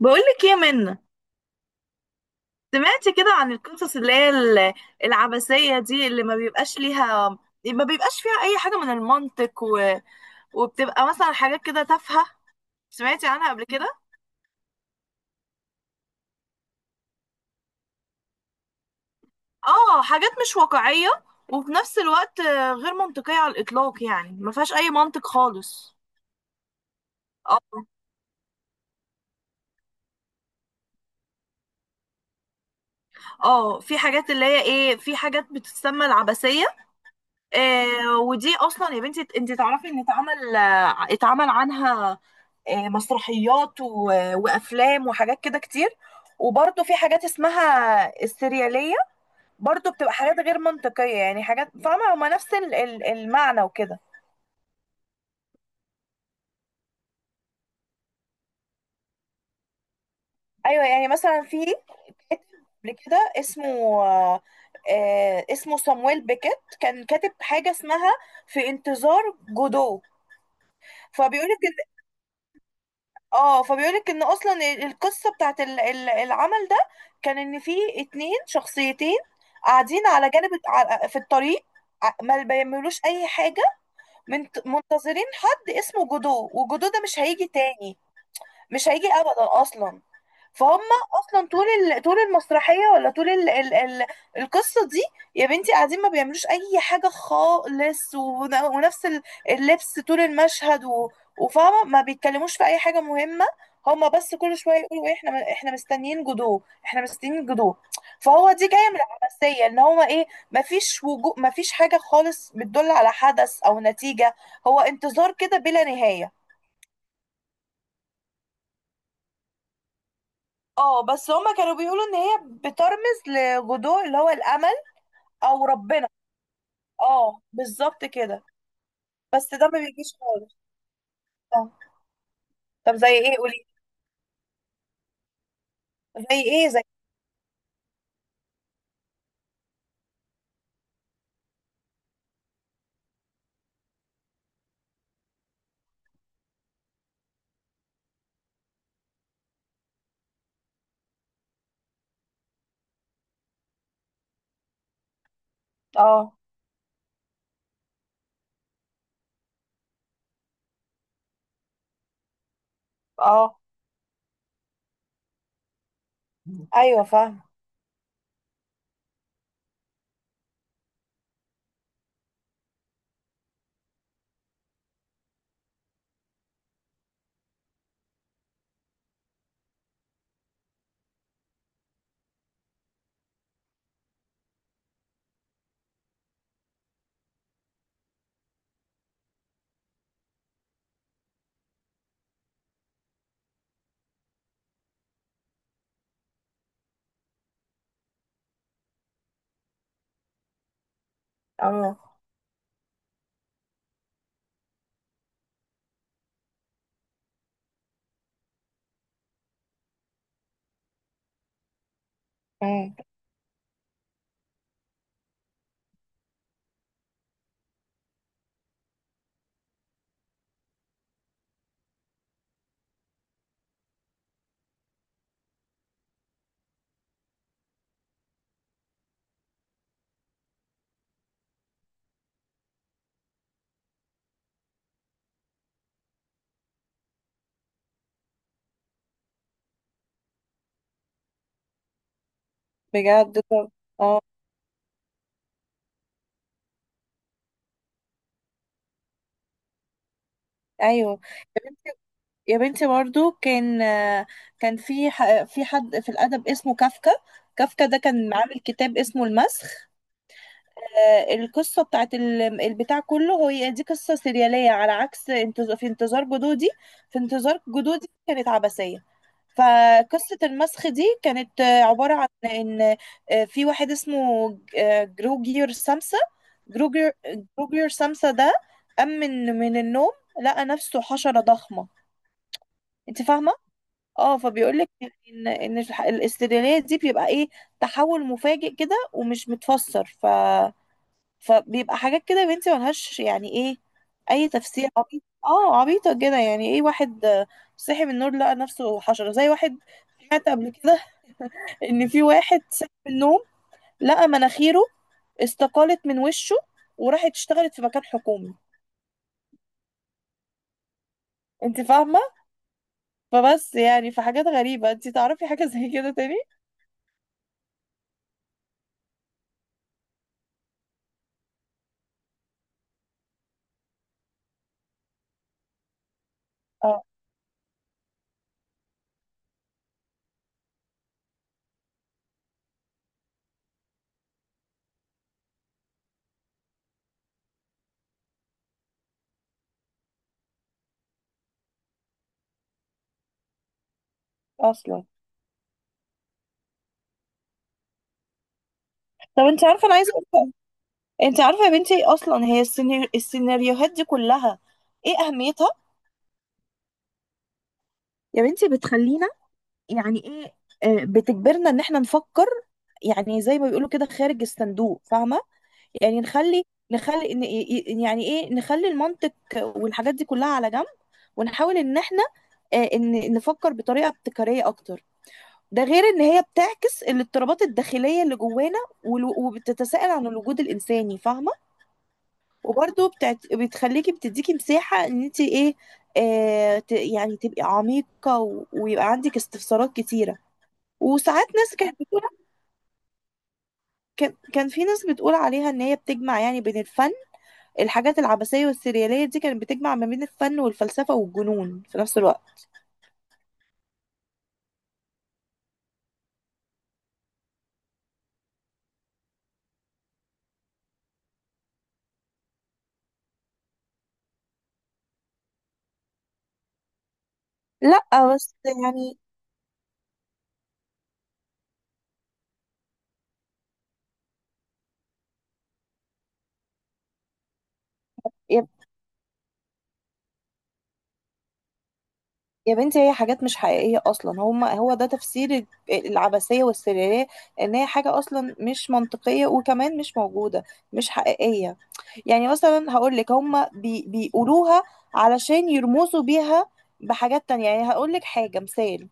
بقولك ايه منا، سمعتي كده عن القصص اللي هي العبثية دي، اللي ما بيبقاش فيها أي حاجة من المنطق وبتبقى مثلا حاجات كده تافهة. سمعتي عنها قبل كده؟ اه، حاجات مش واقعية، وفي نفس الوقت غير منطقية على الإطلاق، يعني ما فيهاش أي منطق خالص. اه. في حاجات اللي هي ايه في حاجات بتتسمى العبثية. ودي أصلا يا بنتي، انت تعرفي ان اتعمل عنها مسرحيات وافلام وحاجات كده كتير. وبرضه في حاجات اسمها السرياليه، برضه بتبقى حاجات غير منطقيه، يعني حاجات، فاهمه، هما نفس المعنى وكده. ايوه يعني مثلا في كاتب قبل كده اسمه آه، آه، اسمه صامويل بيكيت، كان كاتب حاجه اسمها في انتظار جودو. فبيقول اه فبيقولك ان اصلا القصه بتاعت العمل ده كان ان في اتنين شخصيتين قاعدين على جانب في الطريق، ما بيعملوش اي حاجه، منتظرين حد اسمه جودو، وجودو ده مش هيجي تاني، مش هيجي ابدا اصلا. فهم، اصلا طول طول المسرحيه، ولا طول القصه دي، يا بنتي، قاعدين ما بيعملوش اي حاجه خالص، ونفس اللبس طول المشهد وفاهمه ما بيتكلموش في اي حاجه مهمه. هما بس كل شويه يقولوا إيه، احنا مستنيين جدو، احنا مستنيين جدو. فهو دي جايه من العباسيه، ان هو ايه، ما فيش حاجه خالص بتدل على حدث او نتيجه، هو انتظار كده بلا نهايه. اه، بس هما كانوا بيقولوا ان هي بترمز لجذور، اللي هو الامل، او ربنا. اه، بالظبط كده. بس ده ما بيجيش خالص. آه. طب زي ايه؟ قولي زي ايه، اه، اه، ايوه، فاهم، اه، أمم. بجد طب؟ اه، ايوه. يا بنتي، يا بنتي، برضو كان في في حد في الادب اسمه كافكا، كافكا ده كان عامل كتاب اسمه المسخ. القصة بتاعت البتاع كله، هي دي قصة سريالية على عكس في انتظار جدودي، في انتظار جدودي كانت عبثية. فقصة المسخ دي كانت عبارة عن ان في واحد اسمه جروجير جروجير سامسا ده، قام من النوم، لقى نفسه حشرة ضخمة. انت فاهمة؟ اه، فبيقول لك ان الاستريالية دي بيبقى ايه، تحول مفاجئ كده ومش متفسر. فبيبقى حاجات كده يا بنتي ملهاش، يعني ايه، اي تفسير. عبيط، عبيطة كده، يعني ايه، واحد صحي من النور لقى نفسه حشرة، زي واحد سمعت قبل كده ان في واحد صحي من النوم، لقى مناخيره استقالت من وشه وراحت اشتغلت في مكان حكومي. انت فاهمة؟ فبس يعني في حاجات غريبة. انت تعرفي حاجة زي كده تاني؟ اه، اصلا. طب، انت عارفة، انا عايزة اقول، انت عارفة يا بنتي، اصلا هي السيناريوهات دي كلها ايه اهميتها؟ يا بنتي بتخلينا، يعني ايه، بتجبرنا ان احنا نفكر، يعني زي ما بيقولوا كده خارج الصندوق، فاهمه. يعني نخلي نخلي إن- ي- ي- يعني ايه، نخلي المنطق والحاجات دي كلها على جنب، ونحاول ان احنا، ان نفكر بطريقه ابتكاريه اكتر. ده غير ان هي بتعكس الاضطرابات الداخليه اللي جوانا، وبتتساءل عن الوجود الانساني، فاهمه. وبرده بتعت... بتخليكي بتديكي مساحه ان انت ايه، يعني تبقي عميقه ويبقى عندك استفسارات كتيره. وساعات ناس كانت بتقول، كان في ناس بتقول عليها ان هي بتجمع يعني بين الفن الحاجات العبثية والسريالية دي كانت بتجمع ما بين الفن والفلسفة والجنون في نفس الوقت. لا بس يعني، يا يا بنتي، هي حاجات مش حقيقية أصلا، هو ده تفسير العبثية والسريالية، إن هي حاجة أصلا مش منطقية، وكمان مش موجودة، مش حقيقية. يعني مثلا هقولك، هما بيقولوها علشان يرمزوا بيها بحاجات تانية. يعني هقولك حاجة مثال.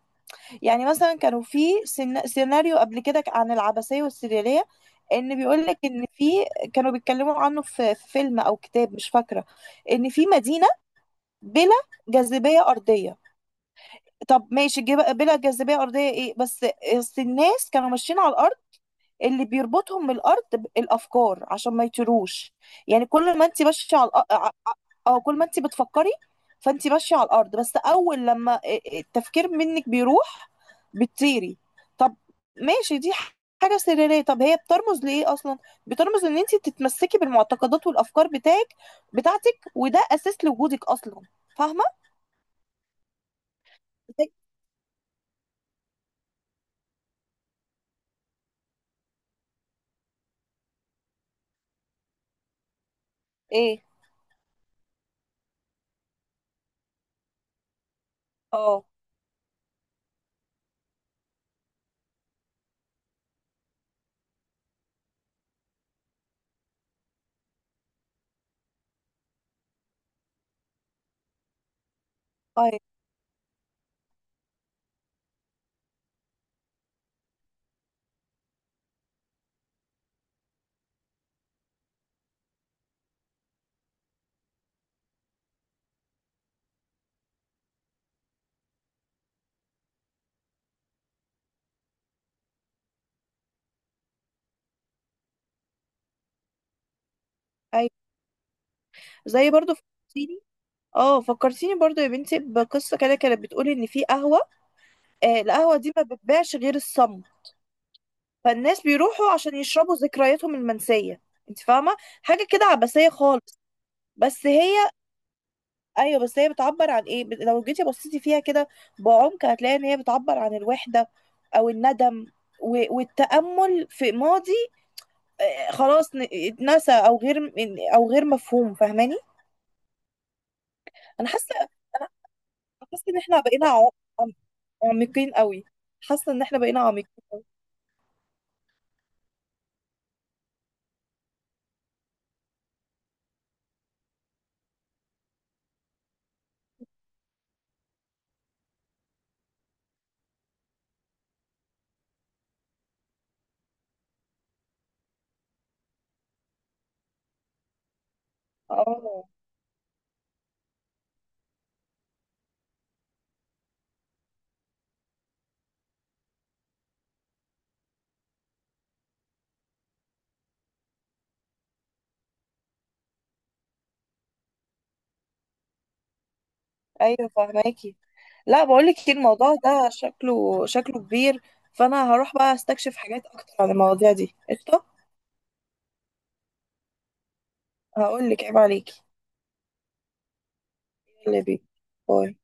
يعني مثلا كانوا في سيناريو قبل كده عن العبثية والسريالية، ان بيقول لك ان في، كانوا بيتكلموا عنه في في فيلم او كتاب، مش فاكرة، ان في مدينة بلا جاذبية أرضية. طب ماشي، بلا جاذبية أرضية ايه بس؟ أصل الناس كانوا ماشيين على الأرض، اللي بيربطهم بالارض الافكار، عشان ما يطيروش. يعني كل ما انت ماشيه على الأ- ع- ع- اه كل ما انت بتفكري، فانت ماشيه على الارض، بس اول لما التفكير منك بيروح، بتطيري. طب ماشي، دي حاجه سريريه. طب هي بترمز لايه اصلا؟ بترمز ان انت تتمسكي بالمعتقدات والافكار بتاعتك، وده اساس لوجودك اصلا، فاهمه. زي- ايه، اه، ايوه، ايوه. زي برضو في اه فكرتيني برضو يا بنتي بقصة كده، كانت بتقول ان في قهوة، القهوة دي ما بتبيعش غير الصم، فالناس بيروحوا عشان يشربوا ذكرياتهم المنسية. انت فاهمة؟ حاجة كده عبثية خالص. بس هي ايوه، بس هي بتعبر عن ايه، لو جيتي بصيتي فيها كده بعمق، هتلاقي ان هي بتعبر عن الوحدة، او الندم، والتأمل في ماضي خلاص اتنسى، او غير مفهوم، فاهماني؟ انا حاسة ان احنا بقينا عم- عميقين قوي، حاسة ان احنا بقينا عميقين. اه، ايوه فهماكي. لا، بقولك إيه، الموضوع ده شكله كبير، فانا هروح بقى استكشف حاجات اكتر عن المواضيع دي، قشطه. هقولك عيب عليكي، اللي بيه. باي.